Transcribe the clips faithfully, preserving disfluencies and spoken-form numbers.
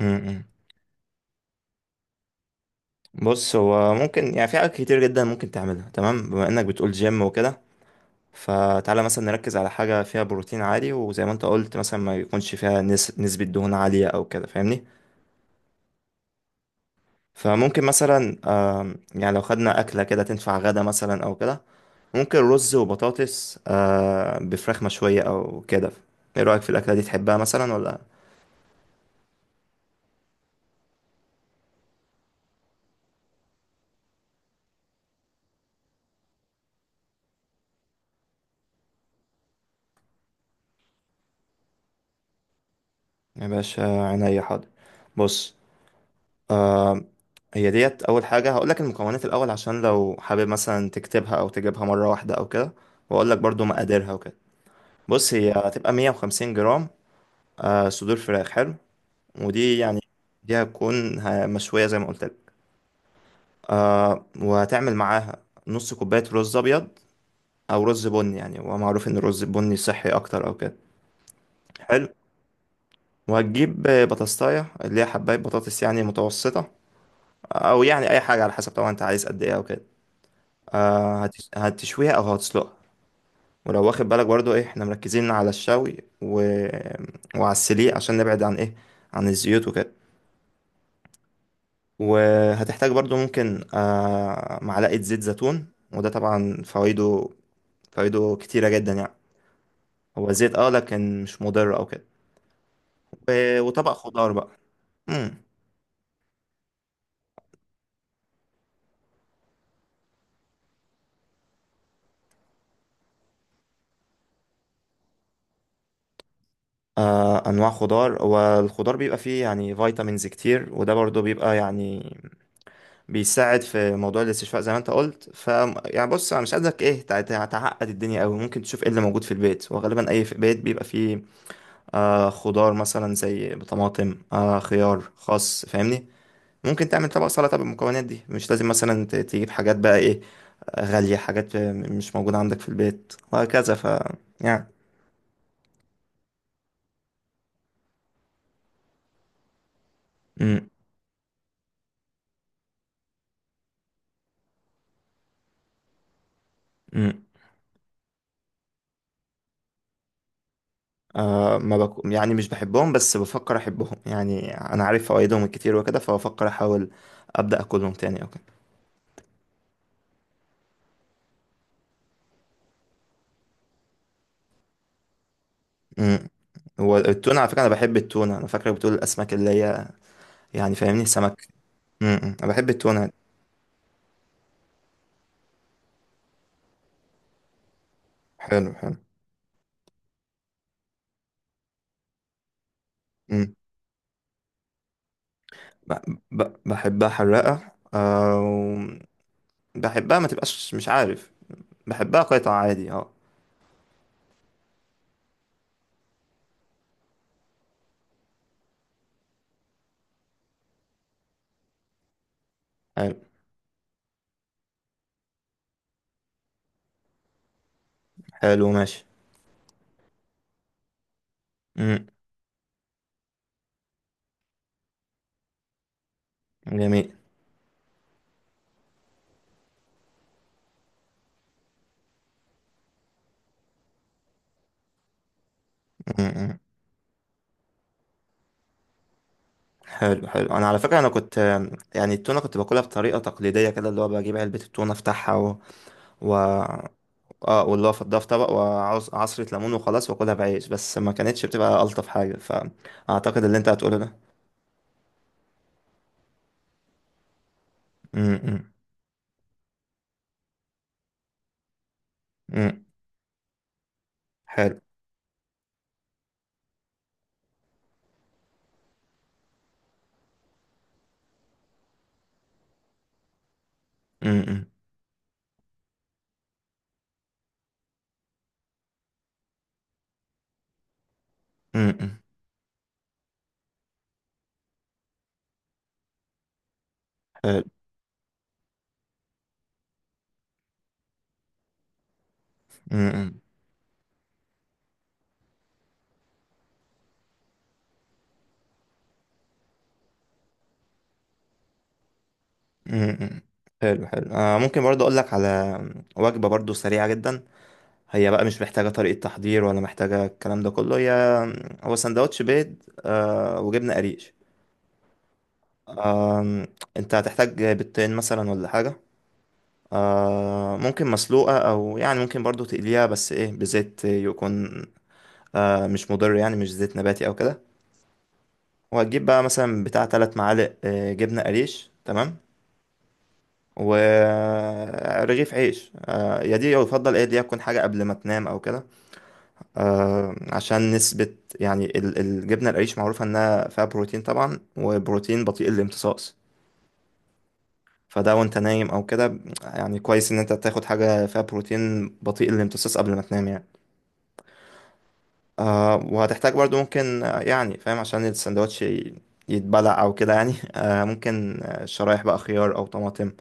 امم بص، هو ممكن يعني في حاجات كتير جدا ممكن تعملها. تمام، بما انك بتقول جيم وكده، فتعالى مثلا نركز على حاجة فيها بروتين عالي، وزي ما انت قلت مثلا ما يكونش فيها نس... نسبة دهون عالية او كده، فاهمني؟ فممكن مثلا آم، يعني لو خدنا أكلة كده تنفع غدا مثلا او كده، ممكن رز وبطاطس آه، بفراخ مشوية او كده. ايه رأيك في الأكلة دي؟ تحبها مثلا ولا؟ يا باشا عينيا حاضر. بص، هي ديت اول حاجه هقول لك المكونات الاول عشان لو حابب مثلا تكتبها او تجيبها مره واحده او كده، واقول لك برضو مقاديرها وكده. بص هي هتبقى مية وخمسين جرام آه صدور فراخ، حلو. ودي يعني دي هتكون ه- مشويه زي ما قلت لك. آه، وهتعمل معاها نص كوبايه رز ابيض او رز بني، يعني هو معروف ان الرز البني صحي اكتر او كده. حلو. وهتجيب آه، بطاطسايه اللي هي حبايه بطاطس يعني متوسطه، او يعني اي حاجه على حسب طبعا انت عايز قد ايه او كده. آه هتش- هتشويها او هتسلقها. ولو واخد بالك برضو ايه، احنا مركزين على الشوي و... وعلى السليق عشان نبعد عن ايه، عن الزيوت وكده. وهتحتاج برضو ممكن آه معلقة زيت زيتون، وده طبعا فوائده، فوائده كتيرة جدا يعني، هو زيت اه لكن مش مضر او كده. و... وطبق خضار بقى. مم. آه انواع خضار، والخضار بيبقى فيه يعني فيتامينز كتير، وده برضو بيبقى يعني بيساعد في موضوع الاستشفاء زي ما انت قلت. ف يعني بص، انا مش عايزك ايه تع- تع- تعقد الدنيا قوي، ممكن تشوف ايه اللي موجود في البيت، وغالبا اي في بيت بيبقى فيه آه خضار مثلا زي طماطم، آه خيار، خس، فاهمني؟ ممكن تعمل طبق سلطه بالمكونات دي، مش لازم مثلا ت- تجيب حاجات بقى ايه آه، غاليه، حاجات آه، مش موجوده عندك في البيت وهكذا، ف يعني. امم. امم. آه، ما بك... يعني مش بحبهم بس بفكر احبهم، يعني انا عارف فوائدهم الكتير وكده، فبفكر احاول ابدا اكلهم تاني او كده. امم. هو التونة على فكرة أنا بحب التونة، أنا فاكرك بتقول الأسماك اللي هي يعني فاهمني، سمك. امم، أنا بحب التونة. حلو، حلو. امم. ب... ب... بحبها حراقة، أو بحبها ما تبقاش مش عارف، بحبها قطع عادي اه. حلو. حلو ماشي. امم. جميل. امم. حلو، حلو. أنا على فكرة أنا كنت يعني التونة كنت باكلها بطريقة تقليدية كده، اللي هو بجيب علبة التونة أفتحها و... و... اه واللي هو فضها في طبق وعصرة ليمون وخلاص واكلها بعيش بس، ما كانتش بتبقى ألطف حاجة، فأعتقد اللي انت هتقوله ده. امم. امم. حلو. امم. امم. حلو. امم. امم. حلو، حلو. آه ممكن برضو اقول لك على وجبة برضو سريعة جدا. هي بقى مش محتاجة طريقة تحضير، ولا محتاجة الكلام ده كله، هي هو سندوتش بيض آه وجبنة قريش. آم، انت هتحتاج بيضتين مثلا ولا حاجة، آه ممكن مسلوقة، أو يعني ممكن برضو تقليها بس إيه بزيت، يكون آه مش مضر يعني، مش زيت نباتي أو كده. وهتجيب بقى مثلا بتاع تلات معالق آه جبنة قريش، تمام. ورغيف عيش آه، يا دي يفضل إيه، دي تكون حاجة قبل ما تنام أو كده، آه عشان نسبة يعني ال- الجبنة القريش معروفة إنها فيها بروتين طبعا، وبروتين بطيء الامتصاص. فده وانت نايم او كده يعني كويس ان انت تاخد حاجة فيها بروتين بطيء الامتصاص قبل ما تنام يعني. آه وهتحتاج برضو ممكن آه، يعني فاهم عشان السندوتش ي- يتبلع او كده يعني آه ممكن آه، شرايح بقى خيار او طماطم،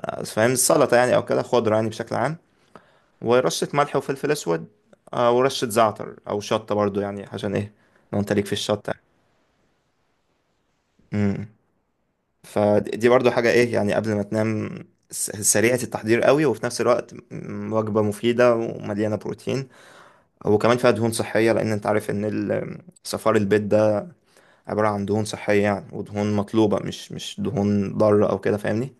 آه فاهم، السلطة يعني او كده، خضرة يعني بشكل عام. ورشة ملح وفلفل اسود، آه ورشة زعتر او شطة برضو يعني عشان ايه لو انت ليك في الشطة. امم. فدي برضو حاجة ايه، يعني قبل ما تنام، س- سريعة التحضير قوي وفي نفس الوقت م- وجبة مفيدة ومليانة بروتين، وكمان فيها دهون صحية، لأن أنت عارف إن ال- صفار البيض عبارة عن دهون صحية يعني، ودهون مطلوبة، مش مش دهون ضارة أو كده، فاهمني.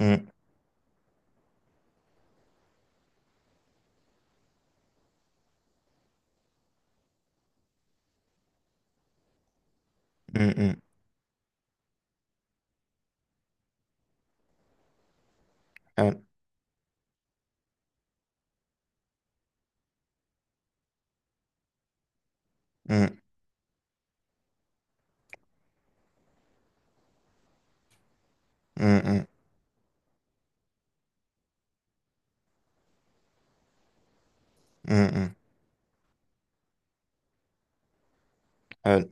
مم، مم، مم، حلو. مم، مم، مم، مم، مم، حلو.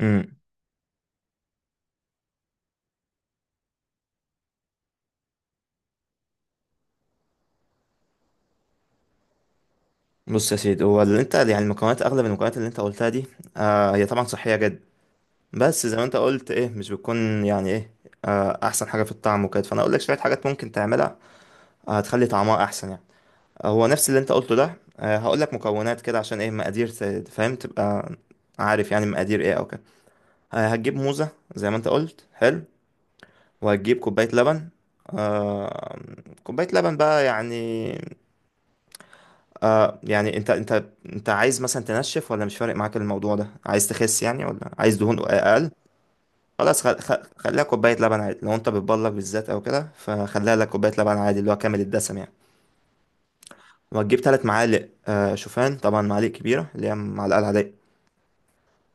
مم. بص يا سيدي، هو اللي انت يعني المكونات، اغلب المكونات اللي انت قلتها دي آه هي طبعا صحيه جدا، بس زي ما انت قلت ايه مش بتكون يعني ايه آه احسن حاجه في الطعم وكده. فانا اقول لك شويه حاجات ممكن تعملها آه هتخلي طعمها احسن يعني. آه، هو نفس اللي انت قلته ده، آه هقول لك مكونات كده عشان ايه مقادير، ت- فاهم، تبقى عارف يعني مقادير ايه او كده. آه، هتجيب موزة زي ما انت قلت، حلو. وهتجيب كوباية لبن. آه كوباية لبن بقى يعني، آه يعني انت انت انت عايز مثلا تنشف، ولا مش فارق معاك الموضوع ده، عايز تخس يعني، ولا عايز دهون اقل؟ خلاص خل... خل... خليها كوباية لبن عادي، لو انت بتبلغ بالذات او كده فخليها لك كوباية لبن عادي اللي هو كامل الدسم يعني. وهتجيب ثلاث معالق آه شوفان، طبعا معالق كبيرة اللي هي معلقة العادية.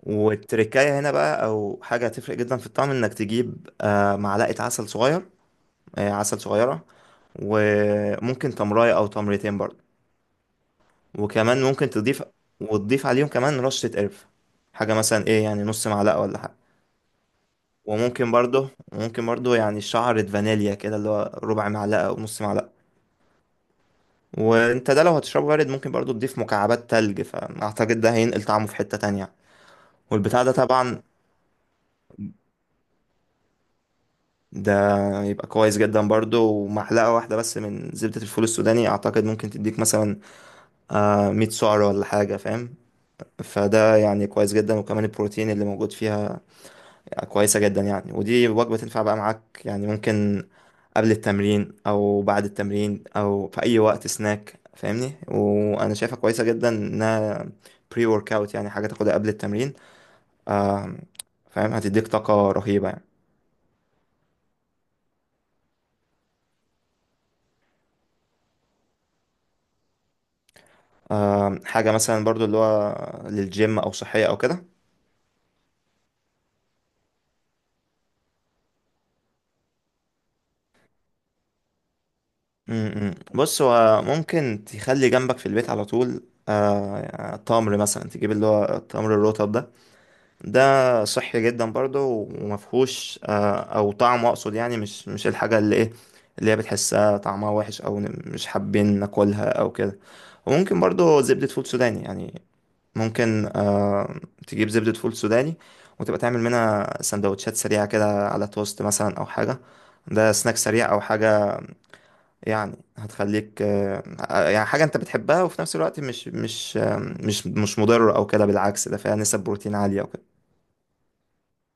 والتركاية هنا بقى او حاجة هتفرق جدا في الطعم، انك تجيب آه معلقة عسل صغير، آه، عسل صغيرة. وممكن تمراية أو تمرتين برضه. وكمان ممكن تضيف، وتضيف عليهم كمان رشة قرفة، حاجة مثلا إيه يعني نص معلقة ولا حاجة. وممكن برضه، ممكن برضه، يعني شعرة فانيليا كده، اللي هو ربع معلقة أو نص معلقة. وانت ده لو هتشربه بارد ممكن برضه تضيف مكعبات تلج، فأعتقد ده هينقل طعمه في حتة تانية يعني. والبتاع ده طبعا، ده يبقى كويس جدا برضه. ومعلقة واحدة بس من زبدة الفول السوداني أعتقد ممكن تديك مثلا آه مية سعر ولا حاجة فاهم. فده يعني كويس جدا، وكمان البروتين اللي موجود فيها كويسة جدا يعني. ودي وجبة تنفع بقى معاك يعني، ممكن قبل التمرين أو بعد التمرين أو في أي وقت سناك، فاهمني، وأنا شايفها كويسة جدا إنها بري ورك أوت، يعني حاجة تاخدها قبل التمرين. آم، فاهم، هتديك طاقة رهيبة يعني. آم، حاجة مثلا برضو اللي هو للجيم أو صحية أو كده. م- م. بص هو ممكن تخلي جنبك في البيت على طول آه، تمر مثلا، تجيب اللي هو التمر الرطب ده، ده صحي جدا برضه، ومفهوش آه، او طعمه اقصد يعني، مش مش الحاجه اللي ايه اللي هي بتحسها طعمها وحش او ن- مش حابين ناكلها او كده. وممكن برضه زبده فول سوداني يعني، ممكن آه تجيب زبده فول سوداني، وتبقى تعمل منها سندوتشات سريعه كده على توست مثلا او حاجه، ده سناك سريع او حاجه يعني. هتخليك آه آه، يعني حاجه انت بتحبها، وفي نفس الوقت مش مش آه، مش مش مضر او كده، بالعكس ده فيها نسب بروتين عاليه وكده.